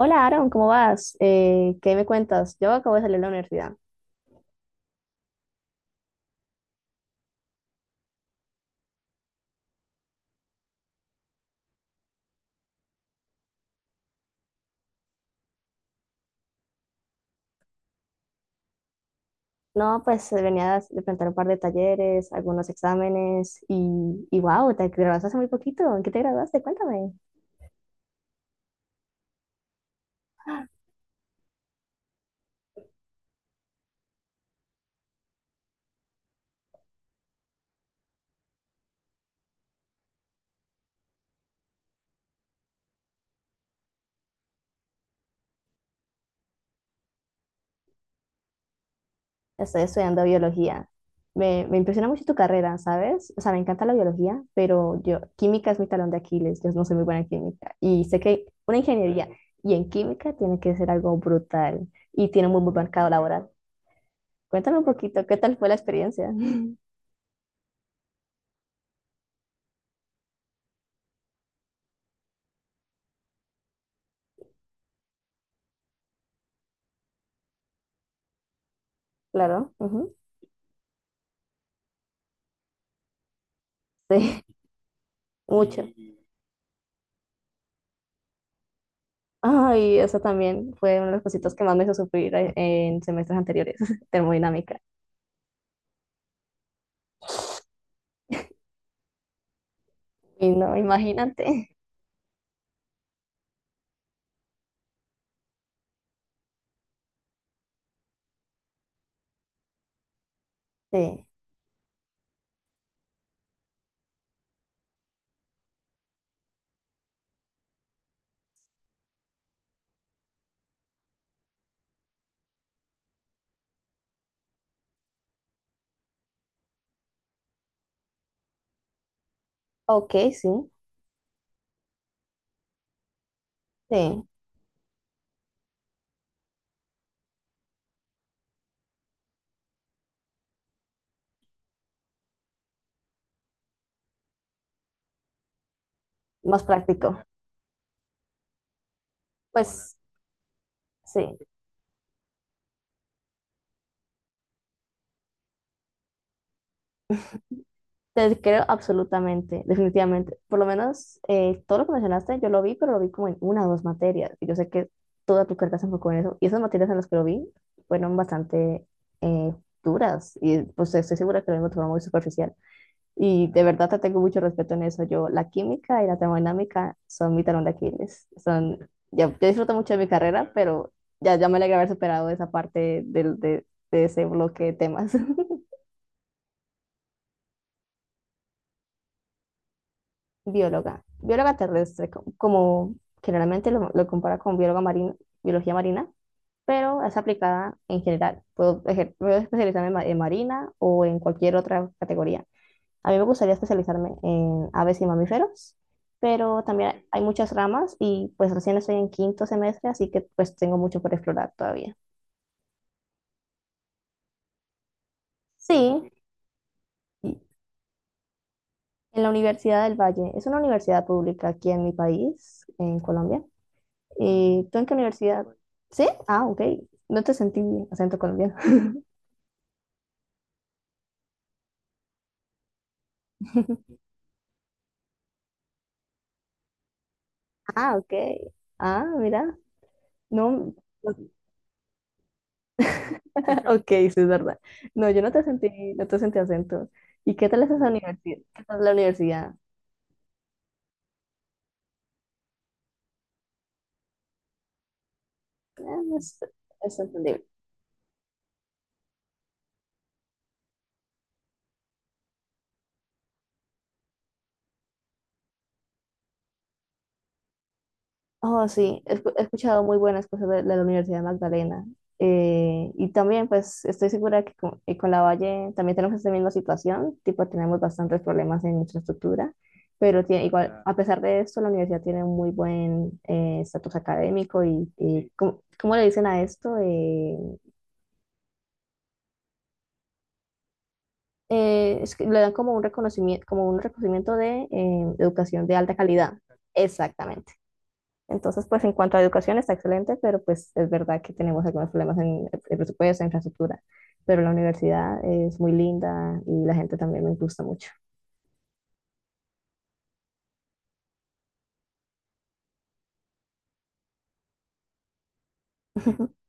Hola Aaron, ¿cómo vas? ¿Qué me cuentas? Yo acabo de salir de la universidad. No, pues venía de plantear un par de talleres, algunos exámenes y wow, te graduaste hace muy poquito. ¿En qué te graduaste? Cuéntame. Estoy estudiando biología. Me impresiona mucho tu carrera, ¿sabes? O sea, me encanta la biología, pero yo, química es mi talón de Aquiles, yo no soy muy buena en química. Y sé que una ingeniería y en química tiene que ser algo brutal y tiene muy, muy marcado laboral. Cuéntame un poquito, ¿qué tal fue la experiencia? Claro, ujú. Sí, mucho. Ay, eso también fue una de las cositas que más me hizo sufrir en semestres anteriores, termodinámica. Y no, imagínate. Sí, ok, sí, sí, más práctico. Pues sí, te creo absolutamente, definitivamente. Por lo menos todo lo que mencionaste, yo lo vi, pero lo vi como en una o dos materias. Y yo sé que toda tu carga se enfocó en eso. Y esas materias en las que lo vi fueron bastante eh, duras. Y pues estoy segura que lo mismo te fue muy superficial. Y de verdad te tengo mucho respeto en eso. Yo, la química y la termodinámica son mi talón de Aquiles. Yo disfruto mucho de mi carrera, pero ya, ya me alegra haber superado esa parte de ese bloque de temas. Bióloga, bióloga terrestre, como generalmente lo compara con bióloga marina, biología marina, pero es aplicada en general. Puedo especializarme en marina o en cualquier otra categoría. A mí me gustaría especializarme en aves y mamíferos, pero también hay muchas ramas y pues recién estoy en quinto semestre, así que pues tengo mucho por explorar todavía. Sí, en la Universidad del Valle. Es una universidad pública aquí en mi país, en Colombia. ¿Tú en qué universidad? ¿Sí? Ah, ok. No te sentí acento colombiano. Ah, ok. Ah, mira. No. Ok, sí, es verdad. No, yo no te sentí acento. ¿Y qué tal es esa universidad? ¿Qué tal la universidad? Eh, es, es entendible. Oh, sí, he escuchado muy buenas cosas de la Universidad Magdalena. Y también, pues, estoy segura que con la Valle también tenemos esta misma situación, tipo, tenemos bastantes problemas en infraestructura, pero claro, a pesar de esto, la universidad tiene un muy buen estatus académico, y ¿cómo le dicen a esto? Es que le dan como un reconocimiento de educación de alta calidad. Exactamente. Entonces, pues en cuanto a educación está excelente, pero pues es verdad que tenemos algunos problemas en el presupuesto, en infraestructura, pero la universidad es muy linda y la gente también me gusta mucho.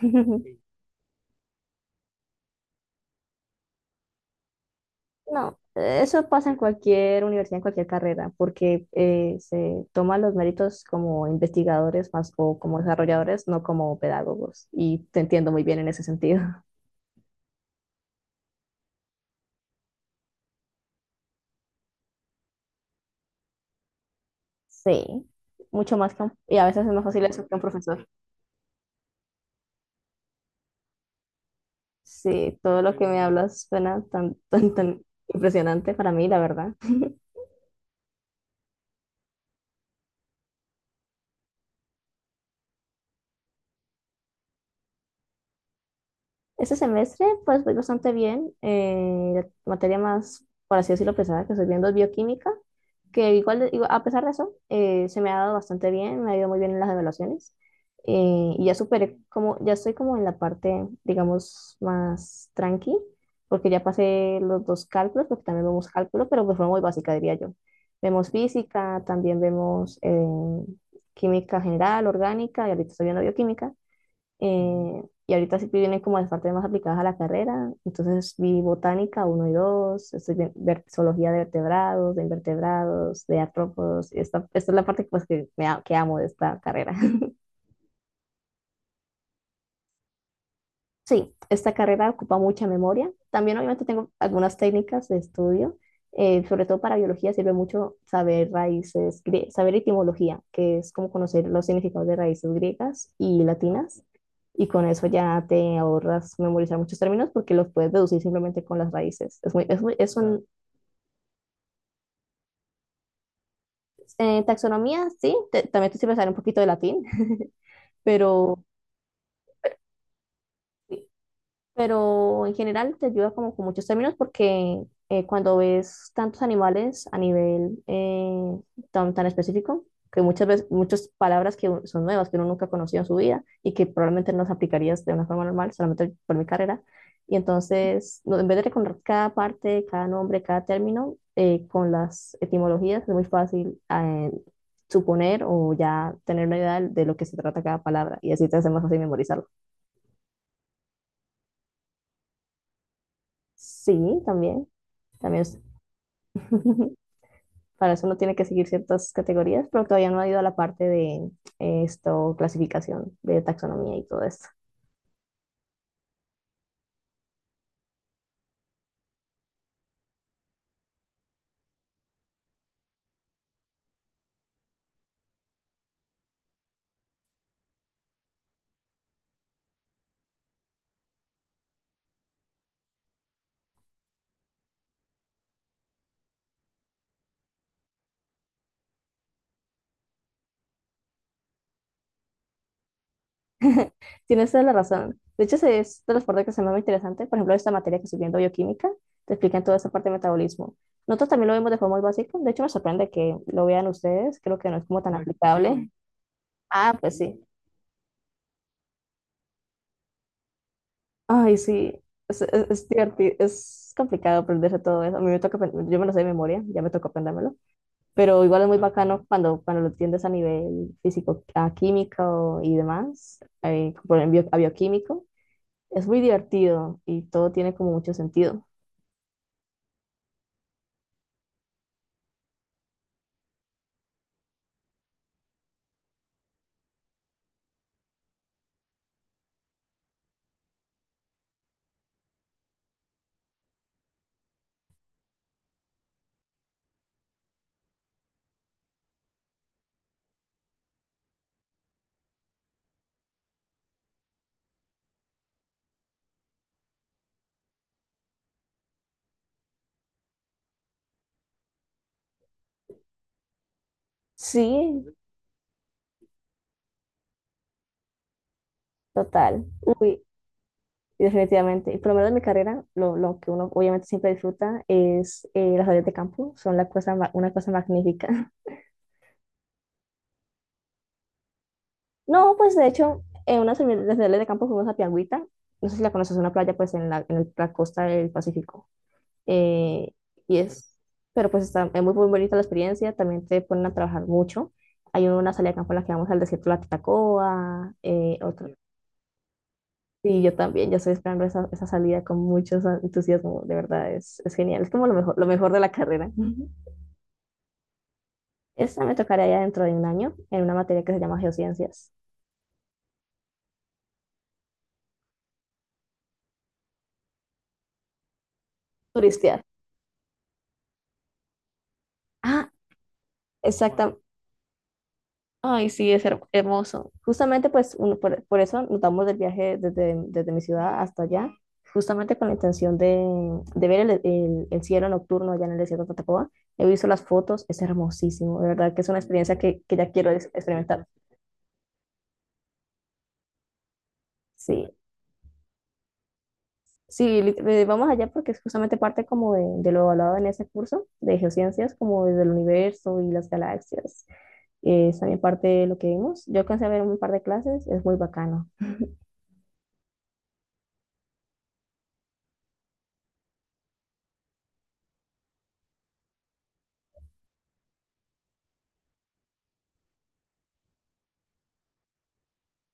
Sí. No, eso pasa en cualquier universidad, en cualquier carrera, porque se toman los méritos como investigadores más o como desarrolladores, no como pedagogos. Y te entiendo muy bien en ese sentido. Sí, mucho más que y a veces es más fácil eso que un profesor. Sí, todo lo que me hablas suena tan, tan, tan impresionante para mí, la verdad. Este semestre, pues voy bastante bien. La materia más, por así decirlo, pesada que estoy viendo es bioquímica, que igual, a pesar de eso, se me ha dado bastante bien, me ha ido muy bien en las evaluaciones. Y ya superé, como, ya estoy como en la parte, digamos, más tranqui, porque ya pasé los dos cálculos, porque también vemos cálculo, pero de forma muy básica, diría yo. Vemos física, también vemos química general, orgánica, y ahorita estoy viendo bioquímica. Y ahorita sí que vienen como las partes más aplicadas a la carrera. Entonces vi botánica 1 y dos, estoy zoología de vertebrados, de invertebrados, de artrópodos. Y esta es la parte pues, que amo de esta carrera. Sí, esta carrera ocupa mucha memoria. También obviamente tengo algunas técnicas de estudio. Sobre todo para biología sirve mucho saber raíces, saber etimología, que es como conocer los significados de raíces griegas y latinas. Y con eso ya te ahorras memorizar muchos términos porque los puedes deducir simplemente con las raíces. Es muy, es muy, es Claro. Taxonomía, sí, también te sirve saber un poquito de latín. pero pero en general te ayuda como con muchos términos porque cuando ves tantos animales a nivel tan, tan específico, que muchas veces, muchas palabras son nuevas, que uno nunca conoció en su vida y que probablemente no las aplicarías de una forma normal, solamente por mi carrera. Y entonces, no, en vez de recordar cada parte, cada nombre, cada término, con las etimologías es muy fácil suponer o ya tener una idea de lo que se trata cada palabra y así te hace más fácil memorizarlo. Sí, también. También. Para eso uno tiene que seguir ciertas categorías, pero todavía no ha ido a la parte de clasificación, de taxonomía y todo esto. Tienes toda la razón. De hecho, esa es de las partes que se me hace más interesante. Por ejemplo, esta materia que estoy viendo, bioquímica, te explican toda esa parte de metabolismo. Nosotros también lo vemos de forma muy básica. De hecho, me sorprende que lo vean ustedes. Creo que no es como tan aplicable. Aquí. Ah, pues sí. Ay, sí. Es divertido. Es complicado aprenderse todo eso. A mí me toca, aprend- Yo me lo sé de memoria, ya me tocó aprendérmelo. Pero igual es muy bacano cuando lo entiendes a nivel físico, a químico y demás, por ejemplo, a bioquímico. Es muy divertido y todo tiene como mucho sentido. Sí, total. Uy, definitivamente. Y por lo menos en mi carrera, lo que uno obviamente siempre disfruta es las salidas de campo, son la cosa, una cosa magnífica. No, pues de hecho, en una de las salidas de campo fuimos a Piangüita, no sé si la conoces, es una playa pues en la costa del Pacífico. eh, y es, pero pues es muy, muy bonita la experiencia, también te ponen a trabajar mucho. Hay una salida de campo en la que vamos al desierto de la Tatacoa. Sí, yo también, yo estoy esperando esa, esa salida con mucho entusiasmo, de verdad, es genial, es como lo mejor de la carrera. Esa me tocará ya dentro de un año, en una materia que se llama Geociencias. Turistear. Ah, exacta. Ay, sí, es hermoso. Justamente, pues, por eso notamos del viaje desde mi ciudad hasta allá, justamente con la intención de ver el cielo nocturno allá en el desierto de Tatacoa. He visto las fotos, es hermosísimo, de verdad que es una experiencia que ya quiero experimentar. Sí, sí, vamos allá porque es justamente parte como de lo hablado en ese curso de geociencias, como desde el universo y las galaxias. Es también parte de lo que vimos. Yo alcancé a ver un par de clases, es muy bacano.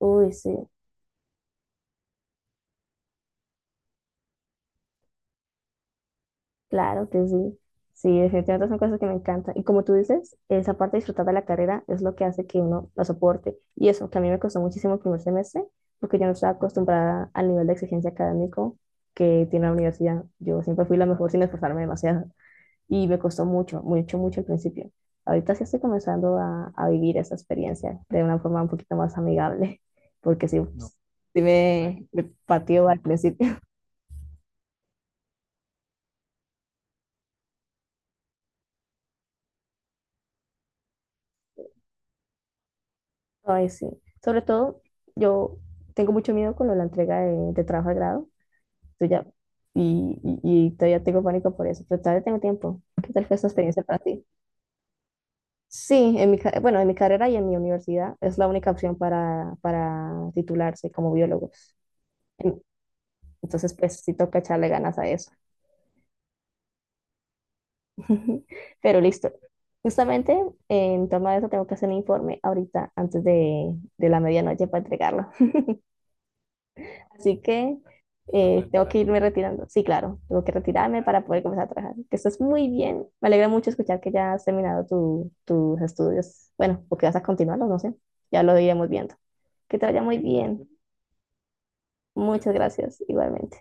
Uy, sí. Claro que sí. Sí, definitivamente son cosas que me encantan. Y como tú dices, esa parte de disfrutar de la carrera es lo que hace que uno la soporte. Y eso, que a mí me costó muchísimo el primer semestre, porque yo no estaba acostumbrada al nivel de exigencia académico que tiene la universidad. Yo siempre fui la mejor sin esforzarme demasiado. Y me costó mucho, mucho, mucho al principio. Ahorita sí estoy comenzando a vivir esa experiencia de una forma un poquito más amigable. Porque sí, no, sí me pateó al principio. Ay, sí. Sobre todo, yo tengo mucho miedo con lo de la entrega de trabajo de grado. Yo ya, y todavía tengo pánico por eso, pero todavía tengo tiempo. ¿Qué tal fue esta experiencia para ti? Sí, bueno, en mi carrera y en mi universidad es la única opción para titularse como biólogo. En- Entonces, pues sí toca echarle ganas a eso. Pero listo. Justamente en torno a eso tengo que hacer un informe ahorita antes de la medianoche para entregarlo. Así que tengo que irme retirando. Sí, claro, tengo que retirarme para poder comenzar a trabajar. Que estás muy bien. Me alegra mucho escuchar que ya has terminado tus estudios. Bueno, porque vas a continuarlos, no sé. Ya lo iremos viendo. Que te vaya muy bien. Muchas gracias, igualmente.